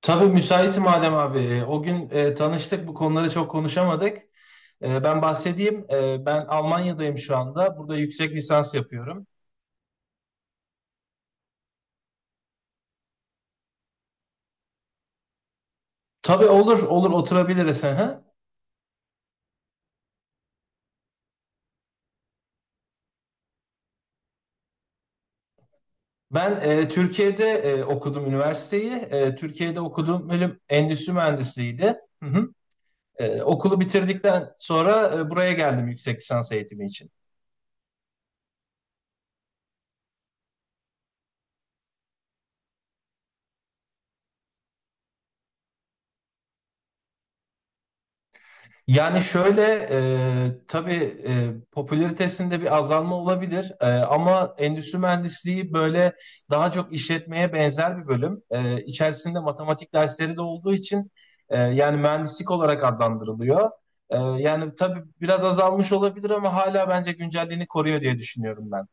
Tabii müsaitim Adem abi. O gün tanıştık, bu konuları çok konuşamadık. Ben bahsedeyim. Ben Almanya'dayım şu anda. Burada yüksek lisans yapıyorum. Tabii olur, olur oturabiliriz. Hı hı. Ben Türkiye'de okudum üniversiteyi. Türkiye'de okuduğum bölüm endüstri mühendisliğiydi. Hı hı. Okulu bitirdikten sonra buraya geldim yüksek lisans eğitimi için. Yani şöyle, tabii, popülaritesinde bir azalma olabilir, ama endüstri mühendisliği böyle daha çok işletmeye benzer bir bölüm. İçerisinde matematik dersleri de olduğu için yani mühendislik olarak adlandırılıyor. Yani tabii biraz azalmış olabilir ama hala bence güncelliğini koruyor diye düşünüyorum ben.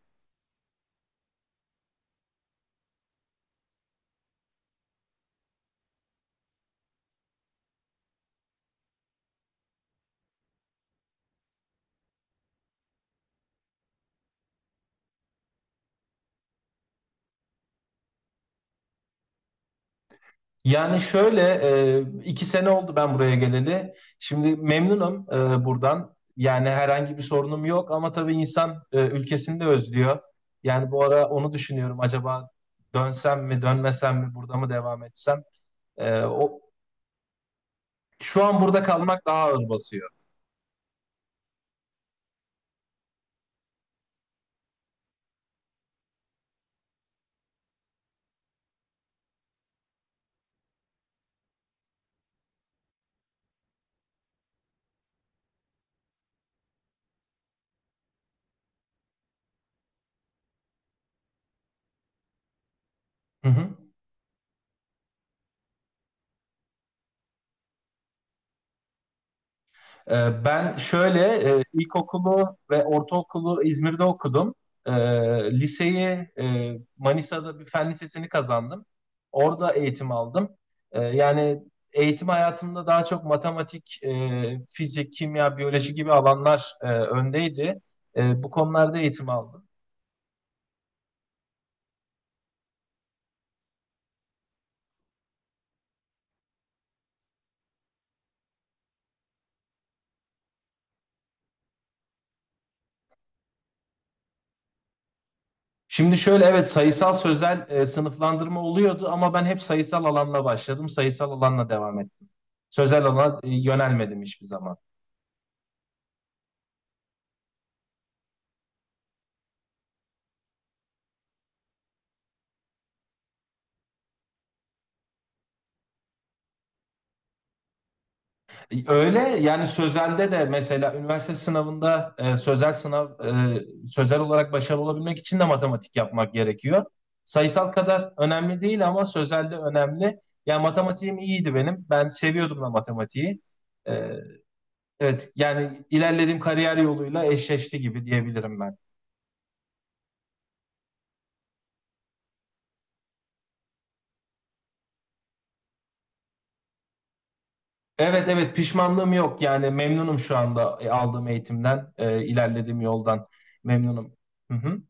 Yani şöyle, iki sene oldu ben buraya geleli. Şimdi memnunum buradan. Yani herhangi bir sorunum yok ama tabii insan ülkesini de özlüyor. Yani bu ara onu düşünüyorum. Acaba dönsem mi, dönmesem mi, burada mı devam etsem? O şu an burada kalmak daha ağır basıyor. Hı hı. Ben şöyle, ilkokulu ve ortaokulu İzmir'de okudum. Ee, Liseyi Manisa'da bir fen lisesini kazandım. Orada eğitim aldım. Yani eğitim hayatımda daha çok matematik, fizik, kimya, biyoloji gibi alanlar öndeydi. Bu konularda eğitim aldım. Şimdi şöyle, evet, sayısal sözel sınıflandırma oluyordu ama ben hep sayısal alanla başladım. Sayısal alanla devam ettim. Sözel alana yönelmedim hiçbir zaman. Öyle, yani sözelde de mesela üniversite sınavında sözel olarak başarılı olabilmek için de matematik yapmak gerekiyor. Sayısal kadar önemli değil ama sözelde önemli. Yani matematiğim iyiydi benim. Ben seviyordum da matematiği. E, evet, yani ilerlediğim kariyer yoluyla eşleşti gibi diyebilirim ben. Evet, evet, pişmanlığım yok. Yani memnunum şu anda aldığım eğitimden, ilerlediğim yoldan memnunum. Hı hı.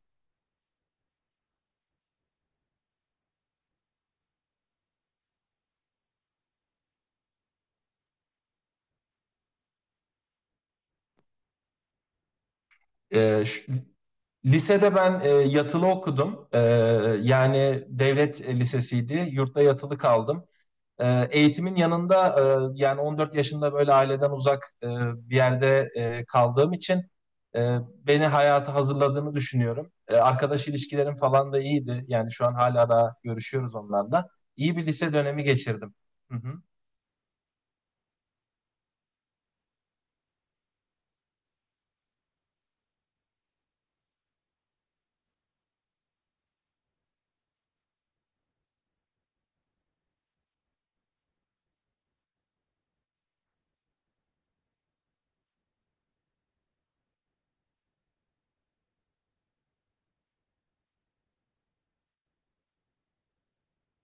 E, şu- Lisede ben yatılı okudum. Yani devlet lisesiydi. Yurtta yatılı kaldım. Eğitimin yanında yani 14 yaşında böyle aileden uzak, bir yerde kaldığım için e, beni hayata hazırladığını düşünüyorum. Arkadaş ilişkilerim falan da iyiydi. Yani şu an hala da görüşüyoruz onlarla. İyi bir lise dönemi geçirdim. Hı hı.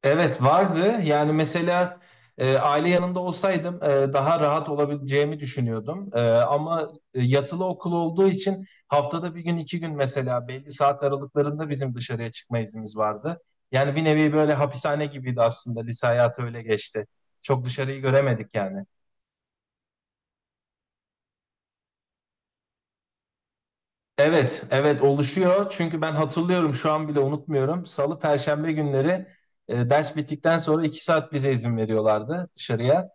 Evet, vardı. Yani mesela aile yanında olsaydım daha rahat olabileceğimi düşünüyordum. Ama yatılı okul olduğu için haftada bir gün iki gün mesela belli saat aralıklarında bizim dışarıya çıkma iznimiz vardı. Yani bir nevi böyle hapishane gibiydi aslında. Lise hayatı öyle geçti. Çok dışarıyı göremedik yani. Evet, evet, oluşuyor. Çünkü ben hatırlıyorum, şu an bile unutmuyorum. Salı, Perşembe günleri ders bittikten sonra iki saat bize izin veriyorlardı dışarıya.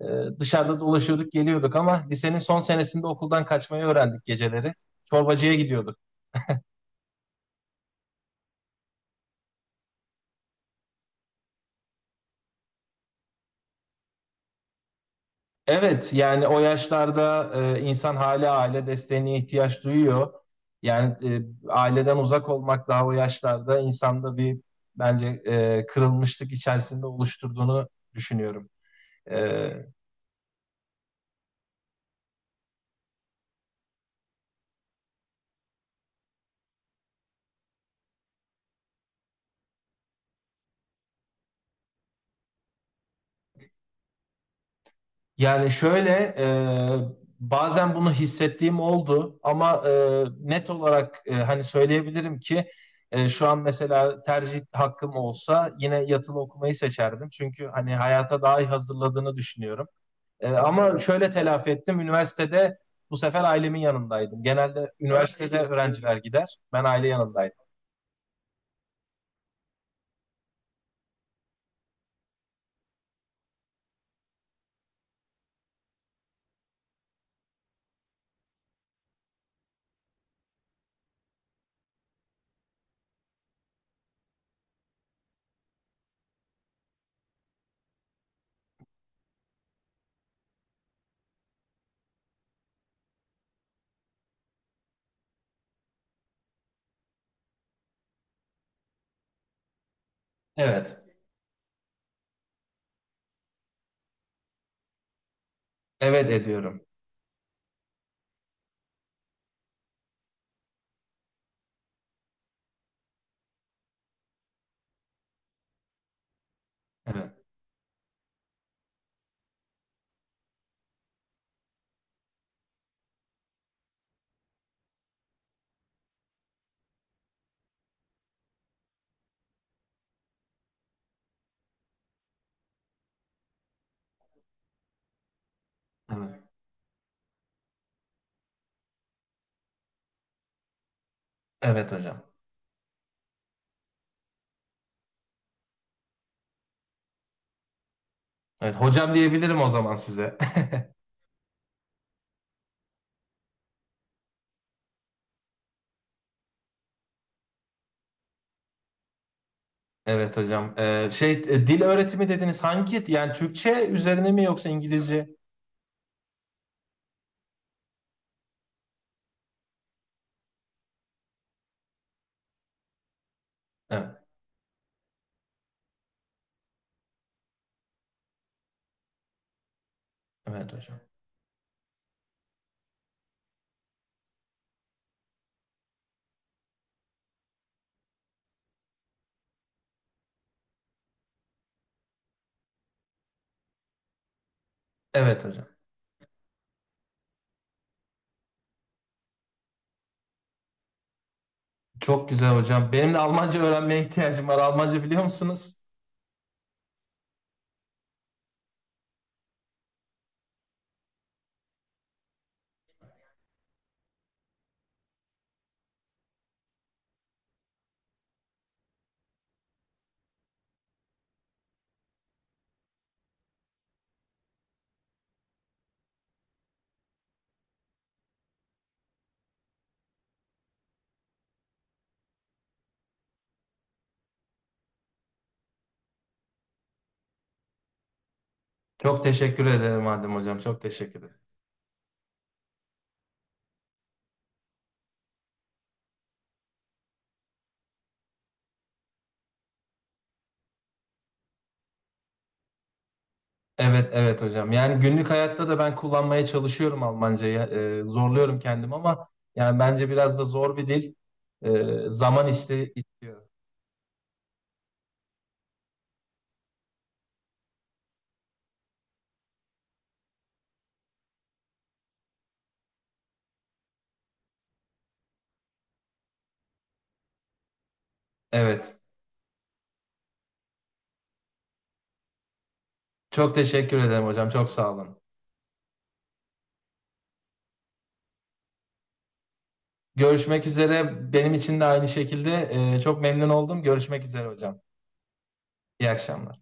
Dışarıda dolaşıyorduk, geliyorduk ama lisenin son senesinde okuldan kaçmayı öğrendik geceleri. Çorbacıya gidiyorduk. Evet, yani o yaşlarda insan hala aile desteğine ihtiyaç duyuyor. Yani aileden uzak olmak daha o yaşlarda insanda bir, bence kırılmışlık içerisinde oluşturduğunu düşünüyorum. E, Yani şöyle, e, bazen bunu hissettiğim oldu ama net olarak hani söyleyebilirim ki şu an mesela tercih hakkım olsa yine yatılı okumayı seçerdim. Çünkü hani hayata daha iyi hazırladığını düşünüyorum. Ama şöyle telafi ettim üniversitede, bu sefer ailemin yanındaydım. Genelde üniversitede öğrenciler gider, ben aile yanındaydım. Evet, evet ediyorum. Evet, evet, evet hocam. Evet, hocam diyebilirim o zaman size. Evet hocam. Dil öğretimi dediniz, hangi? Yani Türkçe üzerine mi yoksa İngilizce? Evet, evet hocam. Evet hocam. Çok güzel hocam. Benim de Almanca öğrenmeye ihtiyacım var. Almanca biliyor musunuz? Çok teşekkür ederim Adem hocam. Çok teşekkür ederim. Evet, evet hocam. Yani günlük hayatta da ben kullanmaya çalışıyorum Almancayı. Zorluyorum kendimi ama yani bence biraz da zor bir dil. Zaman istiyor. Evet. Çok teşekkür ederim hocam. Çok sağ olun. Görüşmek üzere. Benim için de aynı şekilde çok memnun oldum. Görüşmek üzere hocam. İyi akşamlar.